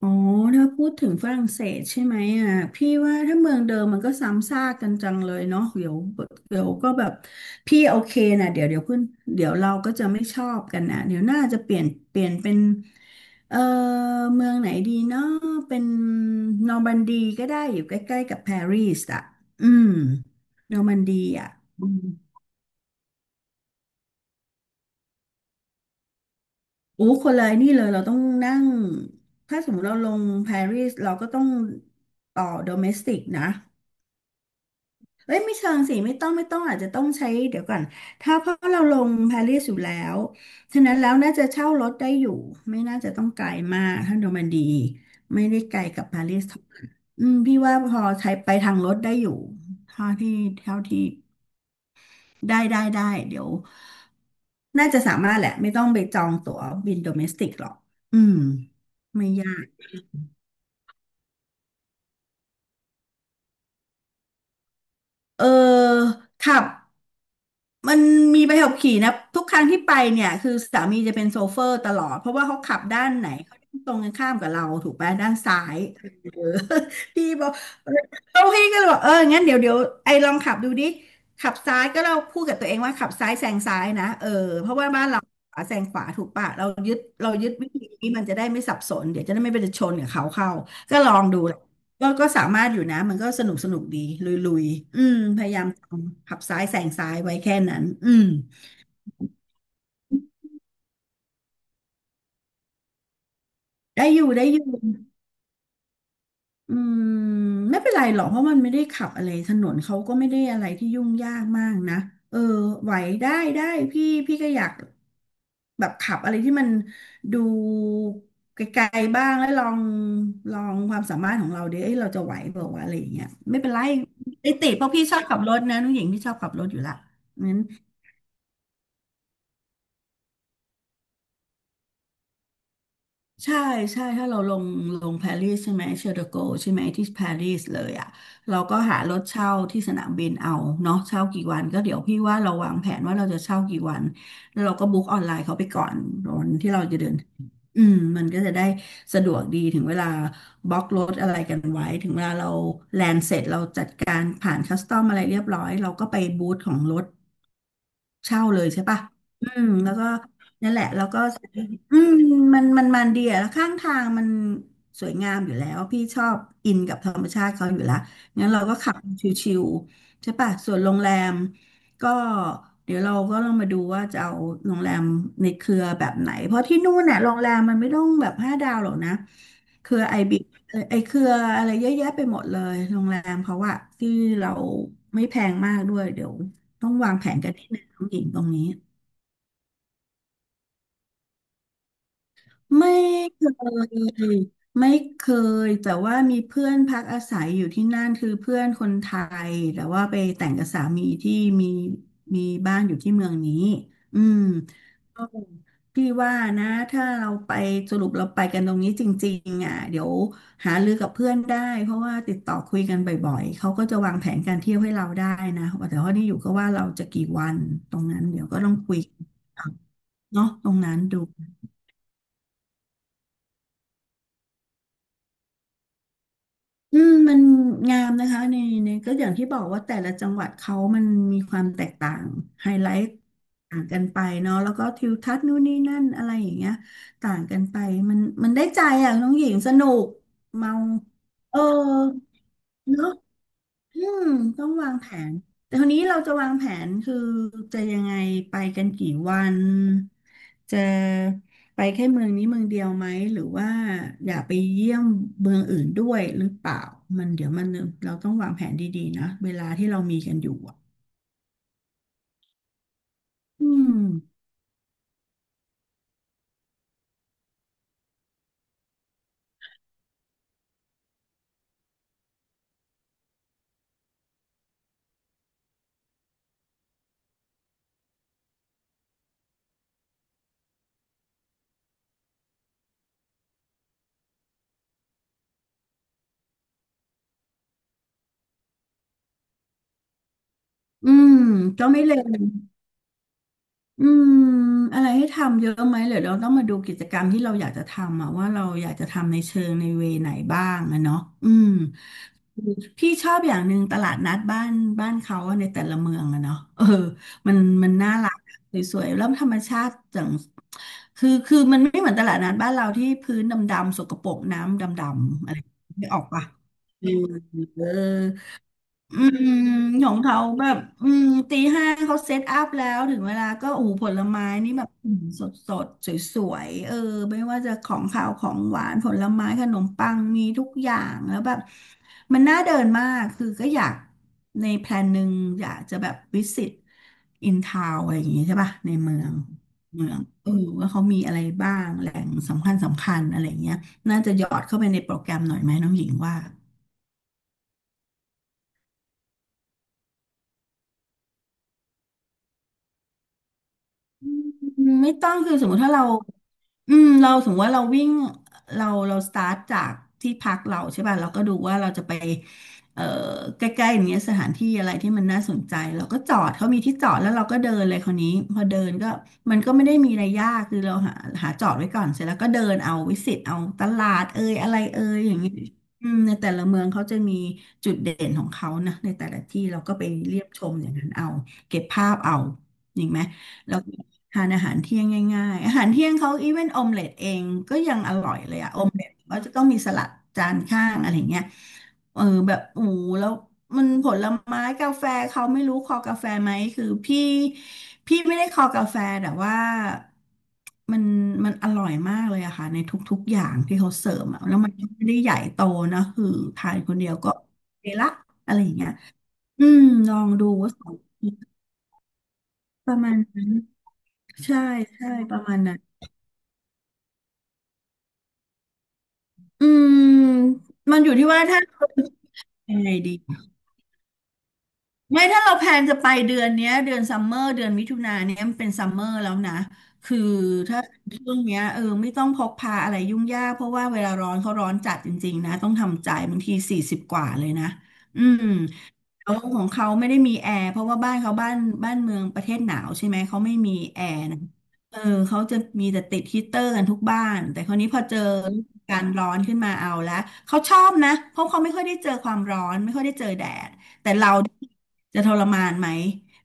อ๋อถ้าพูดถึงฝรั่งเศสใช่ไหมอ่ะพี่ว่าถ้าเมืองเดิมมันก็ซ้ำซากกันจังเลยเนาะเดี๋ยวเดี๋ยวก็แบบพี่โอเคนะเดี๋ยวเดี๋ยวขึ้นเดี๋ยวเราก็จะไม่ชอบกันนะเดี๋ยวน่าจะเปลี่ยนเปลี่ยนเป็นเออเมืองไหนดีเนาะเป็นนอร์มันดีก็ได้อยู่ใกล้ๆกับปารีสอ่ะอืมนอร์มันดีอ่ะโอ้คนเลยนี่เลยเราต้องนั่งถ้าสมมติเราลงปารีสเราก็ต้องต่อโดเมสติกนะ เอ้ยไม่เชิงสิไม่ต้องไม่ต้องอาจจะต้องใช้เดี๋ยวก่อนถ้าเพราะเราลงปารีสอยู่แล้วฉะนั้นแล้วน่าจะเช่ารถได้อยู่ไม่น่าจะต้องไกลมากถ้าโนมันดีไม่ได้ไกลกับปารีสเท่าไหร่อืมพี่ว่าพอใช้ไปทางรถได้อยู่เท่าที่เท่าที่ได้เดี๋ยวน่าจะสามารถแหละไม่ต้องไปจองตั๋วบินโดเมสติกหรอกอืมไม่ยากเออขับ มันมีใบขับขี่นะทุกครั้งที่ไปเนี่ยคือสามีจะเป็นโชเฟอร์ตลอดเพราะว่าเขาขับด้านไหนเขาตรงกันข้ามกับเราถูกไหมด้านซ้าย เออพี่บอกเราพี่ก็เลยบอกงั้นเดี๋ยวเดี๋ยวไอ้ลองขับดูดิขับซ้ายก็เราพูดกับตัวเองว่าขับซ้ายแซงซ้ายนะเออเพราะว่าบ้านเราขวาแซงขวาถูกปะเรายึดวิธีนี้มันจะได้ไม่สับสนเดี๋ยวจะได้ไม่ไปชนกับเขาเข้าก็ลองดู ก็สามารถอยู่นะมันก็สนุกดีลุยๆอืมพยายามทำขับซ้ายแซงซ้ายไว้แค่นั้นอืมได้อยู่ได้อยู่อืมไม่เป็นไรหรอกเพราะมันไม่ได้ขับอะไรถนนเขาก็ไม่ได้อะไรที่ยุ่งยากมากนะเออไหวได้ได้พี่ก็อยากแบบขับอะไรที่มันดูไกลๆบ้างแล้วลองความสามารถของเราดิเอ้ยเราจะไหวเปล่าวะอะไรอย่างเงี้ยไม่เป็นไรไอ้ติเพราะพี่ชอบขับรถนะน้องหญิงที่ชอบขับรถอยู่ละงั้น ใช่ใช่ถ้าเราลงลงปารีสใช่ไหมเชอร์โดโกใช่ไหมที่ปารีสเลยอ่ะเราก็หารถเช่าที่สนามบินเอาเนาะเช่ากี่วันก็เดี๋ยวพี่ว่าเราวางแผนว่าเราจะเช่ากี่วันเราก็บุ๊กออนไลน์เขาไปก่อนวันที่เราจะเดินอืมมันก็จะได้สะดวกดีถึงเวลาบล็อกรถอะไรกันไว้ถึงเวลาเราแลนด์เสร็จเราจัดการผ่านคัสตอมอะไรเรียบร้อยเราก็ไปบูธของรถ เช่าเลยใช่ปะอืมแล้วก็นั่นแหละแล้วก็อืมมันดีอะแล้วข้างทางมันสวยงามอยู่แล้วพี่ชอบอินกับธรรมชาติเขาอยู่แล้วงั้นเราก็ขับชิวๆใช่ปะส่วนโรงแรมก็เดี๋ยวเราก็ต้องมาดูว่าจะเอาโรงแรมในเครือแบบไหน เพราะที่นู่นน่ะโรงแรมมันไม่ต้องแบบห้าดาวหรอกนะเครือไอบิไอเครืออะไรเยอะแยะไปหมดเลยโรงแรมเขาอะที่เราไม่แพงมากด้วยเดี๋ยว ต้องวางแผนกันนิดนึงน้องหญิงตรงนี้ไม่เคยไม่เคยแต่ว่ามีเพื่อนพักอาศัยอยู่ที่นั่นคือเพื่อนคนไทยแต่ว่าไปแต่งกับสามีที่มีมีบ้านอยู่ที่เมืองนี้อืมพี่ว่านะถ้าเราไปสรุปเราไปกันตรงนี้จริงๆอ่ะเดี๋ยวหารือกับเพื่อนได้เพราะว่าติดต่อคุยกันบ่อยๆเขาก็จะวางแผนการเที่ยวให้เราได้นะแต่ว่านี่อยู่ก็ว่าเราจะกี่วันตรงนั้นเดี๋ยวก็ต้องคุยกัน เนาะตรงนั้นดูอืมมันงามนะคะในก็อย่างที่บอกว่าแต่ละจังหวัดเขามันมีความแตกต่างไฮไลท์ต่างกันไปเนาะแล้วก็ทิวทัศน์นู่นนี่นั่นอะไรอย่างเงี้ยต่างกันไปมันมันได้ใจอ่ะน้องหญิงสนุกเมาเออเนาะ อืมต้องวางแผนแต่ทีนี้เราจะวางแผนคือจะยังไงไปกันกี่วันจะไปแค่เมืองนี้เมืองเดียวไหมหรือว่าอยากไปเยี่ยมเมืองอื่นด้วยหรือเปล่ามันเดี๋ยวมันเราต้องวางแผนดีๆนะเวลาที่เรามีกันอยู่อะอืมอืมก็ไม่เลวอืมอะไรให้ทำเยอะไหมเดี๋ยวเราต้องมาดูกิจกรรมที่เราอยากจะทำอะว่าเราอยากจะทำในเชิงในเวไหนบ้างอะเนาะอืม พี่ชอบอย่างหนึ่งตลาดนัดบ้านเขาอะในแต่ละเมืองอะเนาะเออมันมันน่ารักสวยๆแล้วธรรมชาติจังคือมันไม่เหมือนตลาดนัดบ้านเราที่พื้นดำๆสกปรกน้ำดำๆอะไรไม่ออกปะเออ อืมของเขาแบบอืมตี 5เขาเซตอัพแล้วถึงเวลาก็โอ้โหผลไม้นี่แบบสดสดสวยๆเออไม่ว่าจะของข่าวของหวานผลไม้ขนมปังมีทุกอย่างแล้วแบบมันน่าเดินมากคือก็อยากในแพลนหนึ่งอยากจะแบบวิสิตอินทาวอะไรอย่างงี้ใช่ป่ะในเมืองเออว่าเขามีอะไรบ้างแหล่งสำคัญสำคัญอะไรอย่างเงี้ยน่าจะหยอดเข้าไปในโปรแกรมหน่อยไหมน้องหญิงว่า อืมไม่ต้องคือสมมุติถ้าเราอืมเราสมมติว่าเราวิ่งเราสตาร์ทจากที่พักเราใช่ป่ะเราก็ดูว่าเราจะไปเอ่อใกล้ๆอย่างเงี้ยสถานที่อะไรที่มันน่าสนใจเราก็จอดเขามีที่จอดแล้วเราก็เดินเลยคราวนี้พอเดินก็มันก็ไม่ได้มีอะไรยากคือเราหาจอดไว้ก่อนเสร็จแล้วก็เดินเอาวิสิตเอาตลาดเอ่ยอะไรเอ่ยอย่างเงี้ยอืมในแต่ละเมืองเขาจะมีจุดเด่นของเขานะในแต่ละที่เราก็ไปเรียบชมอย่างนั้นเอาเก็บภาพเอาจริงไหม แล้วก็ทานอาหารเที่ยงง่ายๆอาหารเที่ยงเขาอีเวนออมเล็ตเองก็ยังอร่อยเลยอะออมเล็ตก็จะต้องมีสลัดจานข้างอะไรเงี้ยเออแบบโอ้โหแล้วมันผลไม้กาแฟเขาไม่รู้คอกาแฟไหมคือพี่ไม่ได้คอกาแฟแต่ว่ามันมันอร่อยมากเลยอะค่ะในทุกๆอย่างที่เขาเสิร์ฟอะแล้วมันก็ไม่ได้ใหญ่โตนะคือทานคนเดียวก็โอเคละอะไรอย่างเงี้ยอืมลองดูว่าสองประมาณนั้น ใช่ใช่ประมาณนั้นอืมมันอยู่ที่ว่าถ้าเรายังไงดีไม่ถ้าเราแพลนจะไปเดือนเนี้ยเดือนซัมเมอร์เดือนมิถุนาเนี้ยมันเป็นซัมเมอร์แล้วนะคือถ้าช่วงเนี้ยเออไม่ต้องพกพาอะไรยุ่งยากเพราะว่าเวลาร้อนเขาร้อนจัดจริงๆนะต้องทำใจบางที40กว่าเลยนะอืม เขาของเขาไม่ได้มีแอร์เพราะว่าบ้านเขาบ้านเมืองประเทศหนาวใช่ไหมเขาไม่มีแอร์นะเออเขาจะมีแต่ติดฮีตเตอร์กันทุกบ้านแต่คราวนี้พอเจอการร้อนขึ้นมาเอาละเขาชอบนะเพราะเขาไม่ค่อยได้เจอความร้อนไม่ค่อยได้เจอแดดแต่เราจะทรมานไหม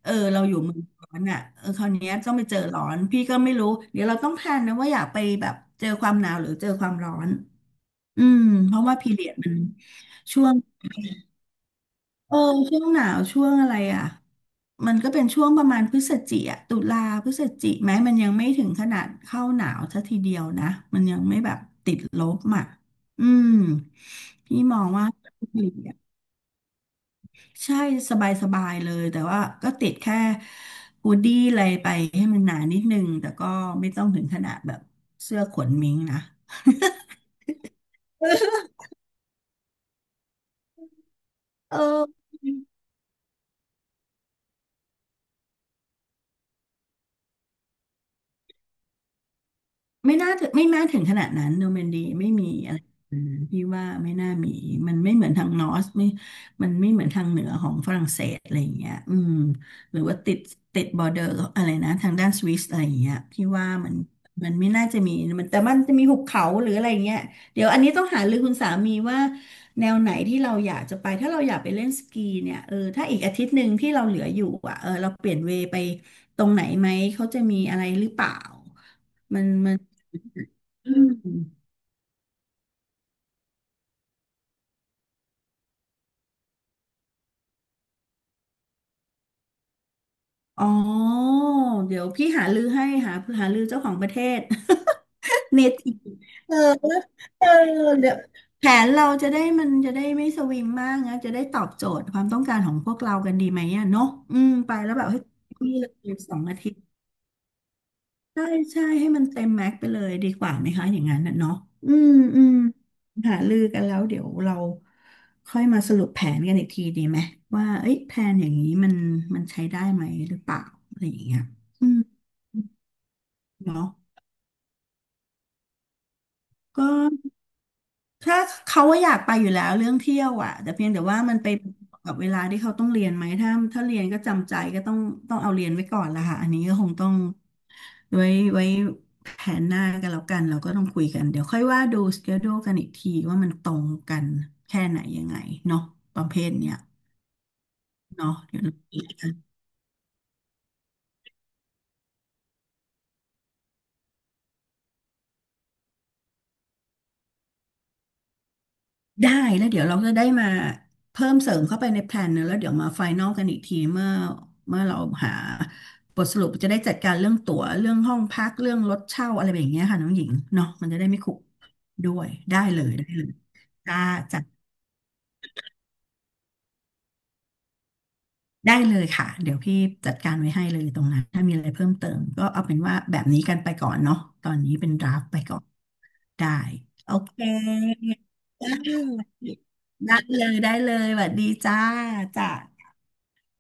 เออเราอยู่เมืองร้อนอ่ะเออคราวนี้ต้องไปเจอร้อนพี่ก็ไม่รู้เดี๋ยวเราต้องแพลนนะว่าอยากไปแบบเจอความหนาวหรือเจอความร้อนอืมเพราะว่าพีเรียดมันช่วง เออช่วงหนาวช่วงอะไรอ่ะมันก็เป็นช่วงประมาณพฤศจิอ่ะตุลาพฤศจิไหมมันยังไม่ถึงขนาดเข้าหนาวซะทีเดียวนะมันยังไม่แบบติดลบอ่ะอืมพี่มองว่าดีอะใช่สบายสบายเลยแต่ว่าก็ติดแค่ฮูดดี้อะไรไปให้มันหนานิดนึงแต่ก็ไม่ต้องถึงขนาดแบบเสื้อขนมิงนะ เออ ไม่น่าถึงไม่น่าถึงขนาดนั้นโนแมนดีไม่มีอะไรอืมพี่ว่าไม่น่ามีมันไม่เหมือนทางนอร์สไม่มันไม่เหมือนทางเหนือของฝรั่งเศสอะไรอย่างเงี้ยอืมหรือว่าติดบอร์เดอร์อะไรนะทางด้านสวิสอะไรอย่างเงี้ยพี่ว่ามันไม่น่าจะมีมันแต่มันจะมีหุบเขาหรืออะไรอย่างเงี้ยเดี๋ยวอันนี้ต้องหารือคุณสามีว่าแนวไหนที่เราอยากจะไปถ้าเราอยากไปเล่นสกีเนี่ยเออถ้าอีกอาทิตย์หนึ่งที่เราเหลืออยู่อ่ะเออเราเปลี่ยนเวย์ไปตรงไหนไหมเขาจะมีอะไรหรือเปล่ามัน อืม อ๋อ เดี๋ยวพี่หาลือให้หาหาลือเจ้าของประเทศ เนทีเออเออเดี๋ยวแผนเราจะได้มันจะได้ไม่สวิงมากนะจะได้ตอบโจทย์ความต้องการของพวกเรากันดีไหมอ่ะเนาะอืม ไปแล้วแบบให้พี่เลย2 อาทิตย์ ใช่ใช่ให้มันเต็มแม็กไปเลยดีกว่าไหมคะอย่างนั้นน่ะเนาะอืมอืมหารือกันแล้วเดี๋ยวเราค่อยมาสรุปแผนกันอีกทีดีไหมว่าเอ้ยแผนอย่างนี้มันใช้ได้ไหมหรือเปล่าอะไรอย่างเงี้ยอืมเนาะก็ ถ้าเขาว่าอยากไปอยู่แล้วเรื่องเที่ยวอ่ะแต่เพียงแต่ว่ามันไปกับเวลาที่เขาต้องเรียนไหมถ้าเรียนก็จำใจก็ต้องเอาเรียนไว้ก่อนละค่ะอันนี้ก็คงต้องไว้ไว้แผนหน้ากันแล้วกันเราก็ต้องคุยกันเดี๋ยวค่อยว่าดูสเกจ e กันอีกทีว่ามันตรงกันแค่ไหนยังไงเนาะประเภทเนี้ยเนาะเดี๋ยวเรา ได้แล้วเดี๋ยวเราจะได้มาเพิ่มเสริมเข้าไปในแพลนเนอะแล้วเดี๋ยวมาไฟนอลกันอีกทีเมื่อเราหาบทสรุปจะได้จัดการเรื่องตั๋วเรื่องห้องพักเรื่องรถเช่าอะไรแบบเนี้ยค่ะน้องหญิงเนาะมันจะได้ไม่ขลุกด้วยได้เลยได้เลยจ้าจัดได้เลยค่ะเดี๋ยวพี่จัดการไว้ให้เลยตรงนั้นถ้ามีอะไรเพิ่มเติมก็เอาเป็นว่าแบบนี้กันไปก่อนเนาะตอนนี้เป็นดราฟไปก่อนได้โอเคได้ได้เลยได้เลยสวัสดีจ้าจ้า